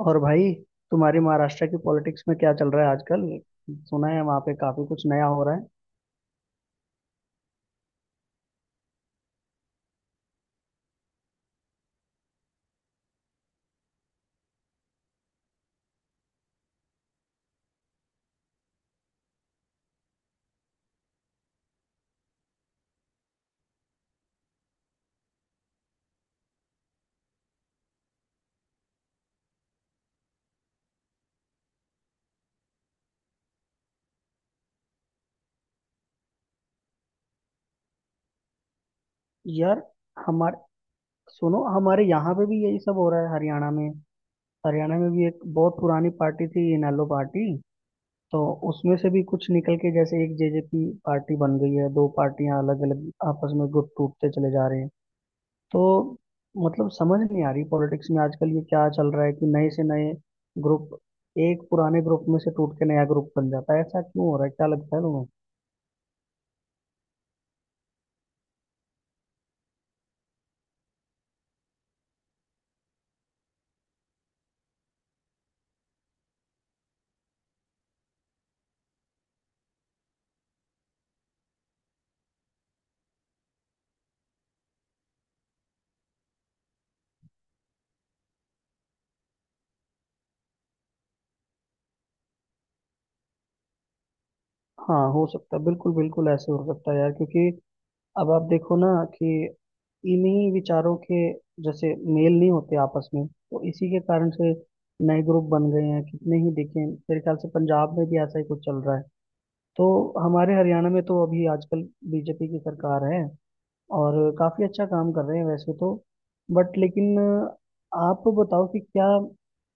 और भाई, तुम्हारी महाराष्ट्र की पॉलिटिक्स में क्या चल रहा है आजकल? सुना है वहां पे काफी कुछ नया हो रहा है। यार हमारे, सुनो, हमारे यहाँ पे भी यही सब हो रहा है हरियाणा में। हरियाणा में भी एक बहुत पुरानी पार्टी थी, इनेलो पार्टी। तो उसमें से भी कुछ निकल के जैसे एक जेजेपी पार्टी बन गई है। दो पार्टियां अलग अलग आपस में गुट टूटते चले जा रहे हैं। तो मतलब समझ नहीं आ रही पॉलिटिक्स में आजकल ये क्या चल रहा है कि नए से नए ग्रुप एक पुराने ग्रुप में से टूट के नया ग्रुप बन जाता है। ऐसा क्यों हो रहा है, क्या लगता है तुम्हें? हाँ, हो सकता है, बिल्कुल बिल्कुल ऐसे हो सकता है यार। क्योंकि अब आप देखो ना कि इन्हीं विचारों के जैसे मेल नहीं होते आपस में, तो इसी के कारण से नए ग्रुप बन गए हैं। कितने ही देखें, मेरे ख्याल से पंजाब में भी ऐसा ही कुछ चल रहा है। तो हमारे हरियाणा में तो अभी आजकल बीजेपी की सरकार है और काफी अच्छा काम कर रहे हैं वैसे तो। बट लेकिन आप बताओ कि क्या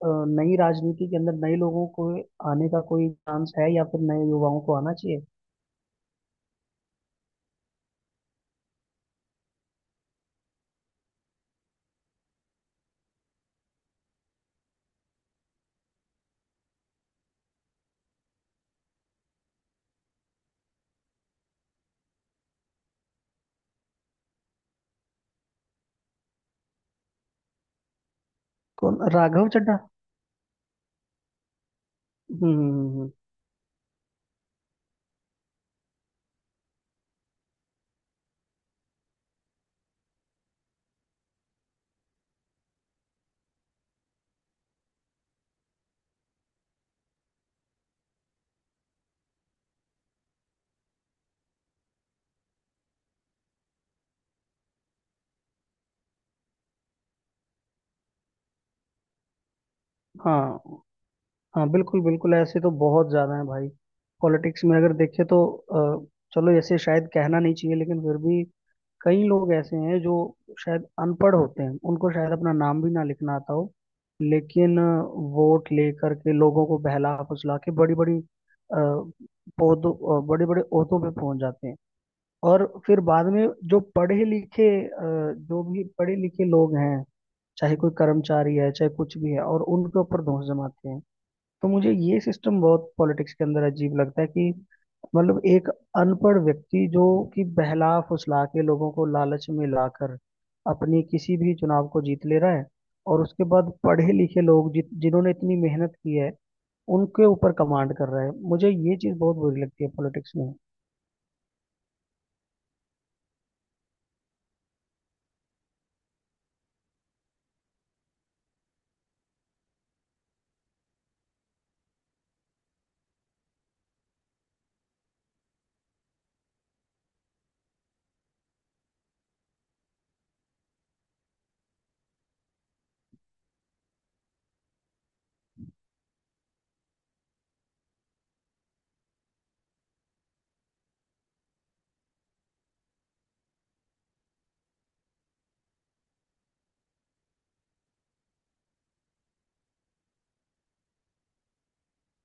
नई राजनीति के अंदर नए लोगों को आने का कोई चांस है, या फिर नए युवाओं को आना चाहिए? कौन, राघव चड्ढा? हम्म हम्म, हम्म, हम्म। हाँ हाँ, बिल्कुल बिल्कुल ऐसे तो बहुत ज्यादा है भाई पॉलिटिक्स में अगर देखे तो। चलो ऐसे शायद कहना नहीं चाहिए, लेकिन फिर भी कई लोग ऐसे हैं जो शायद अनपढ़ होते हैं, उनको शायद अपना नाम भी ना लिखना आता हो। लेकिन वोट लेकर के लोगों को बहला फुसला के बड़ी बड़ी पौधों, बड़े बड़े ओहदों पे पहुंच जाते हैं। और फिर बाद में जो पढ़े लिखे जो भी पढ़े लिखे लोग हैं, चाहे कोई कर्मचारी है चाहे कुछ भी है, और उनके ऊपर दोष जमाते हैं। तो मुझे ये सिस्टम बहुत पॉलिटिक्स के अंदर अजीब लगता है कि मतलब एक अनपढ़ व्यक्ति जो कि बहला फुसला के लोगों को लालच में लाकर अपनी किसी भी चुनाव को जीत ले रहा है, और उसके बाद पढ़े लिखे लोग जित जिन्होंने इतनी मेहनत की है उनके ऊपर कमांड कर रहा है। मुझे ये चीज बहुत बुरी लगती है पॉलिटिक्स में।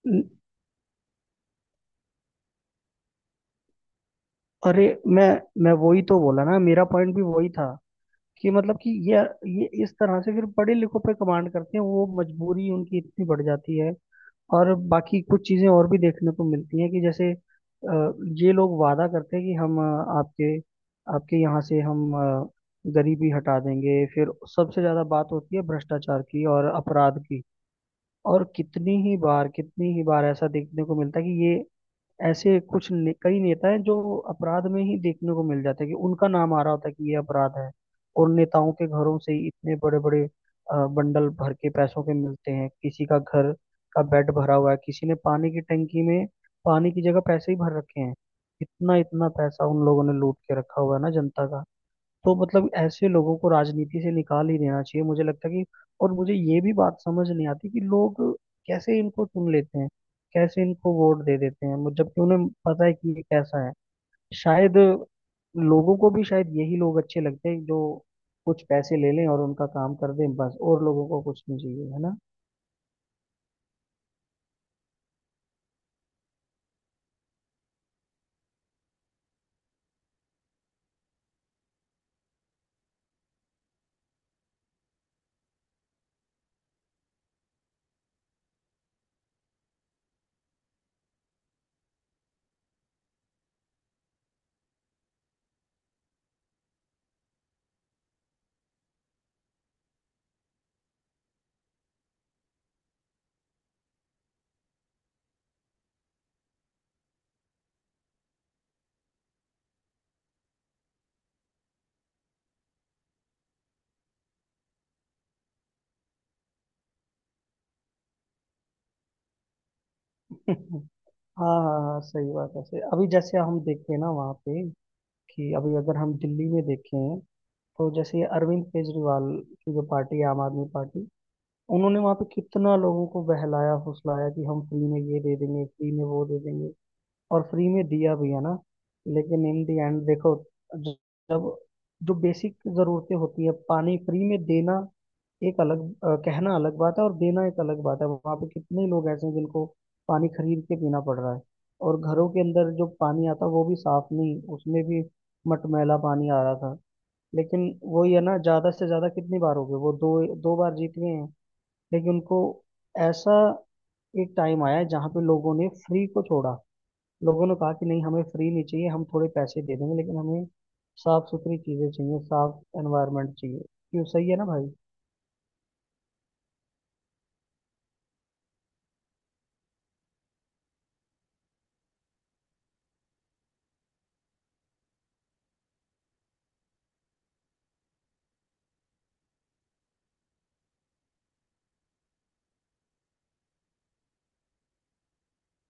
ल- अरे, मैं वही तो बोला ना, मेरा पॉइंट भी वही था कि मतलब कि ये इस तरह से फिर बड़े लिखों पे कमांड करते हैं, वो मजबूरी उनकी इतनी बढ़ जाती है। और बाकी कुछ चीजें और भी देखने को मिलती हैं कि जैसे ये लोग वादा करते हैं कि हम आपके आपके यहाँ से हम गरीबी हटा देंगे। फिर सबसे ज्यादा बात होती है भ्रष्टाचार की और अपराध की। और कितनी ही बार ऐसा देखने को मिलता है कि ये ऐसे कई नेता हैं जो अपराध में ही देखने को मिल जाता है कि उनका नाम आ रहा होता है कि ये अपराध है। और नेताओं के घरों से ही इतने बड़े बड़े बंडल भर के पैसों के मिलते हैं, किसी का घर का बेड भरा हुआ है, किसी ने पानी की टंकी में पानी की जगह पैसे ही भर रखे हैं। इतना इतना पैसा उन लोगों ने लूट के रखा हुआ है ना जनता का। तो मतलब ऐसे लोगों को राजनीति से निकाल ही देना चाहिए, मुझे लगता है कि। और मुझे ये भी बात समझ नहीं आती कि लोग कैसे इनको चुन लेते हैं, कैसे इनको वोट दे देते हैं जबकि उन्हें पता है कि ये कैसा है। शायद लोगों को भी शायद यही लोग अच्छे लगते हैं जो कुछ पैसे ले लें और उनका काम कर दें बस, और लोगों को कुछ नहीं चाहिए, है ना? हाँ हाँ हाँ, सही बात है सही। अभी जैसे हम देखते हैं ना वहाँ पे, कि अभी अगर हम दिल्ली में देखें, तो जैसे ये अरविंद केजरीवाल की जो पार्टी है आम आदमी पार्टी, उन्होंने वहां पे कितना लोगों को बहलाया फुसलाया कि हम फ्री में ये दे देंगे, फ्री में वो दे देंगे। और फ्री में दिया भी है ना, लेकिन इन दी एंड देखो, ज- जब जो बेसिक जरूरतें होती है, पानी फ्री में देना, एक अलग कहना अलग बात है और देना एक अलग बात है। वहां पे कितने लोग ऐसे हैं जिनको पानी खरीद के पीना पड़ रहा है, और घरों के अंदर जो पानी आता है वो भी साफ नहीं, उसमें भी मटमैला पानी आ रहा था। लेकिन वही है ना, ज्यादा से ज्यादा कितनी बार हो गए वो, दो दो बार जीत गए हैं। लेकिन उनको ऐसा एक टाइम आया जहाँ पे लोगों ने फ्री को छोड़ा, लोगों ने कहा कि नहीं हमें फ्री नहीं चाहिए, हम थोड़े पैसे दे देंगे लेकिन हमें साफ सुथरी चीजें चाहिए, साफ एनवायरनमेंट चाहिए। क्यों, सही है ना भाई?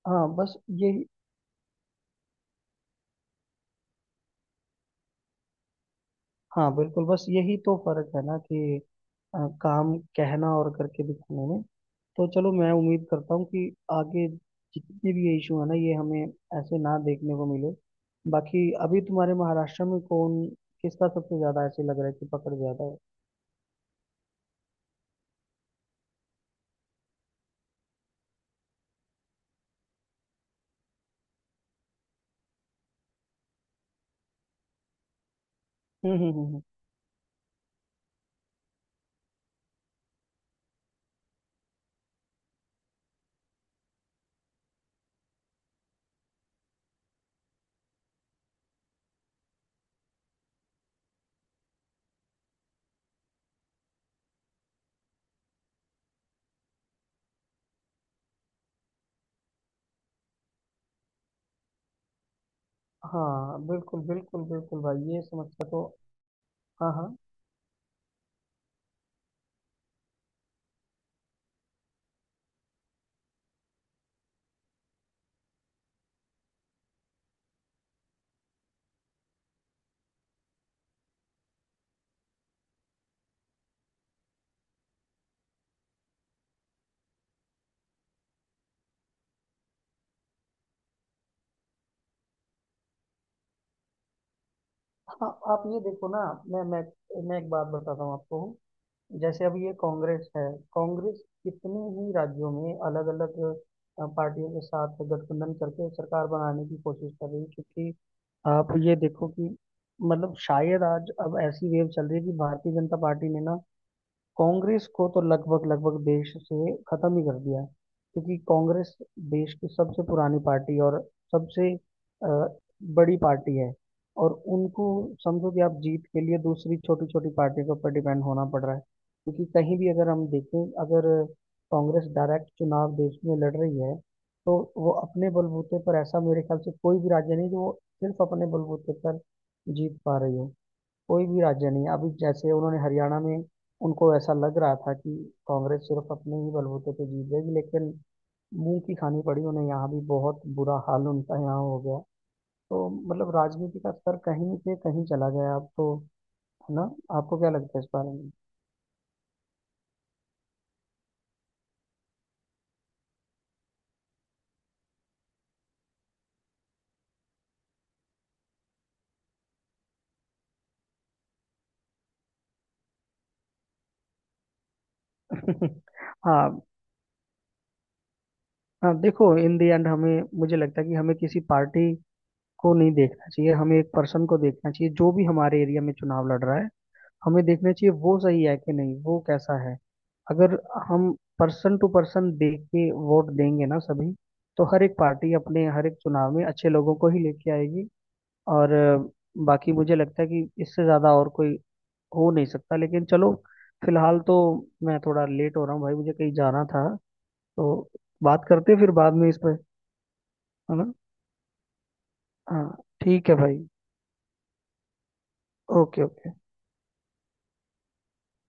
हाँ बस यही, हाँ बिल्कुल, बस यही तो फर्क है ना कि काम कहना और करके दिखाने में। तो चलो, मैं उम्मीद करता हूँ कि आगे जितने भी ये इशू है ना, ये हमें ऐसे ना देखने को मिले। बाकी अभी तुम्हारे महाराष्ट्र में कौन किसका सबसे ज्यादा ऐसे लग रहा है कि पकड़ ज्यादा है? हम्म हम्म हम्म, हम्म। हाँ बिल्कुल बिल्कुल बिल्कुल भाई, ये समस्या तो। हाँ हाँ हाँ, आप ये देखो ना। मैं मैं मैं एक बात बताता हूँ आपको। जैसे अब ये कांग्रेस है, कांग्रेस कितने ही राज्यों में अलग अलग पार्टियों के साथ गठबंधन करके सरकार बनाने की कोशिश कर रही है। क्योंकि आप ये देखो कि मतलब शायद आज अब ऐसी वेव चल रही है कि भारतीय जनता पार्टी ने ना कांग्रेस को तो लगभग लगभग देश से खत्म ही कर दिया है। क्योंकि कांग्रेस देश की सबसे पुरानी पार्टी और सबसे बड़ी पार्टी है, और उनको समझो कि आप जीत के लिए दूसरी छोटी छोटी पार्टी के ऊपर डिपेंड होना पड़ रहा है। क्योंकि कहीं भी अगर हम देखें, अगर कांग्रेस डायरेक्ट चुनाव देश में लड़ रही है, तो वो अपने बलबूते पर, ऐसा मेरे ख्याल से कोई भी राज्य नहीं जो वो सिर्फ अपने बलबूते पर जीत पा रही हो, कोई भी राज्य नहीं है। अभी जैसे उन्होंने हरियाणा में, उनको ऐसा लग रहा था कि कांग्रेस सिर्फ अपने ही बलबूते पे जीत जाएगी, लेकिन मुंह की खानी पड़ी उन्हें, यहाँ भी बहुत बुरा हाल उनका यहाँ हो गया। तो मतलब राजनीति का स्तर कहीं से कहीं चला गया अब तो, है ना? आपको क्या लगता है इस बारे में? हाँ हाँ, देखो इन द एंड हमें, मुझे लगता है कि हमें किसी पार्टी को नहीं देखना चाहिए, हमें एक पर्सन को देखना चाहिए जो भी हमारे एरिया में चुनाव लड़ रहा है। हमें देखना चाहिए वो सही है कि नहीं, वो कैसा है। अगर हम पर्सन टू पर्सन देख के वोट देंगे ना सभी, तो हर एक पार्टी अपने हर एक चुनाव में अच्छे लोगों को ही लेके आएगी। और बाकी मुझे लगता है कि इससे ज्यादा और कोई हो नहीं सकता। लेकिन चलो, फिलहाल तो मैं थोड़ा लेट हो रहा हूँ भाई, मुझे कहीं जाना था। तो बात करते हैं फिर बाद में इस पर, है ना? हाँ ठीक है भाई। Okay okay.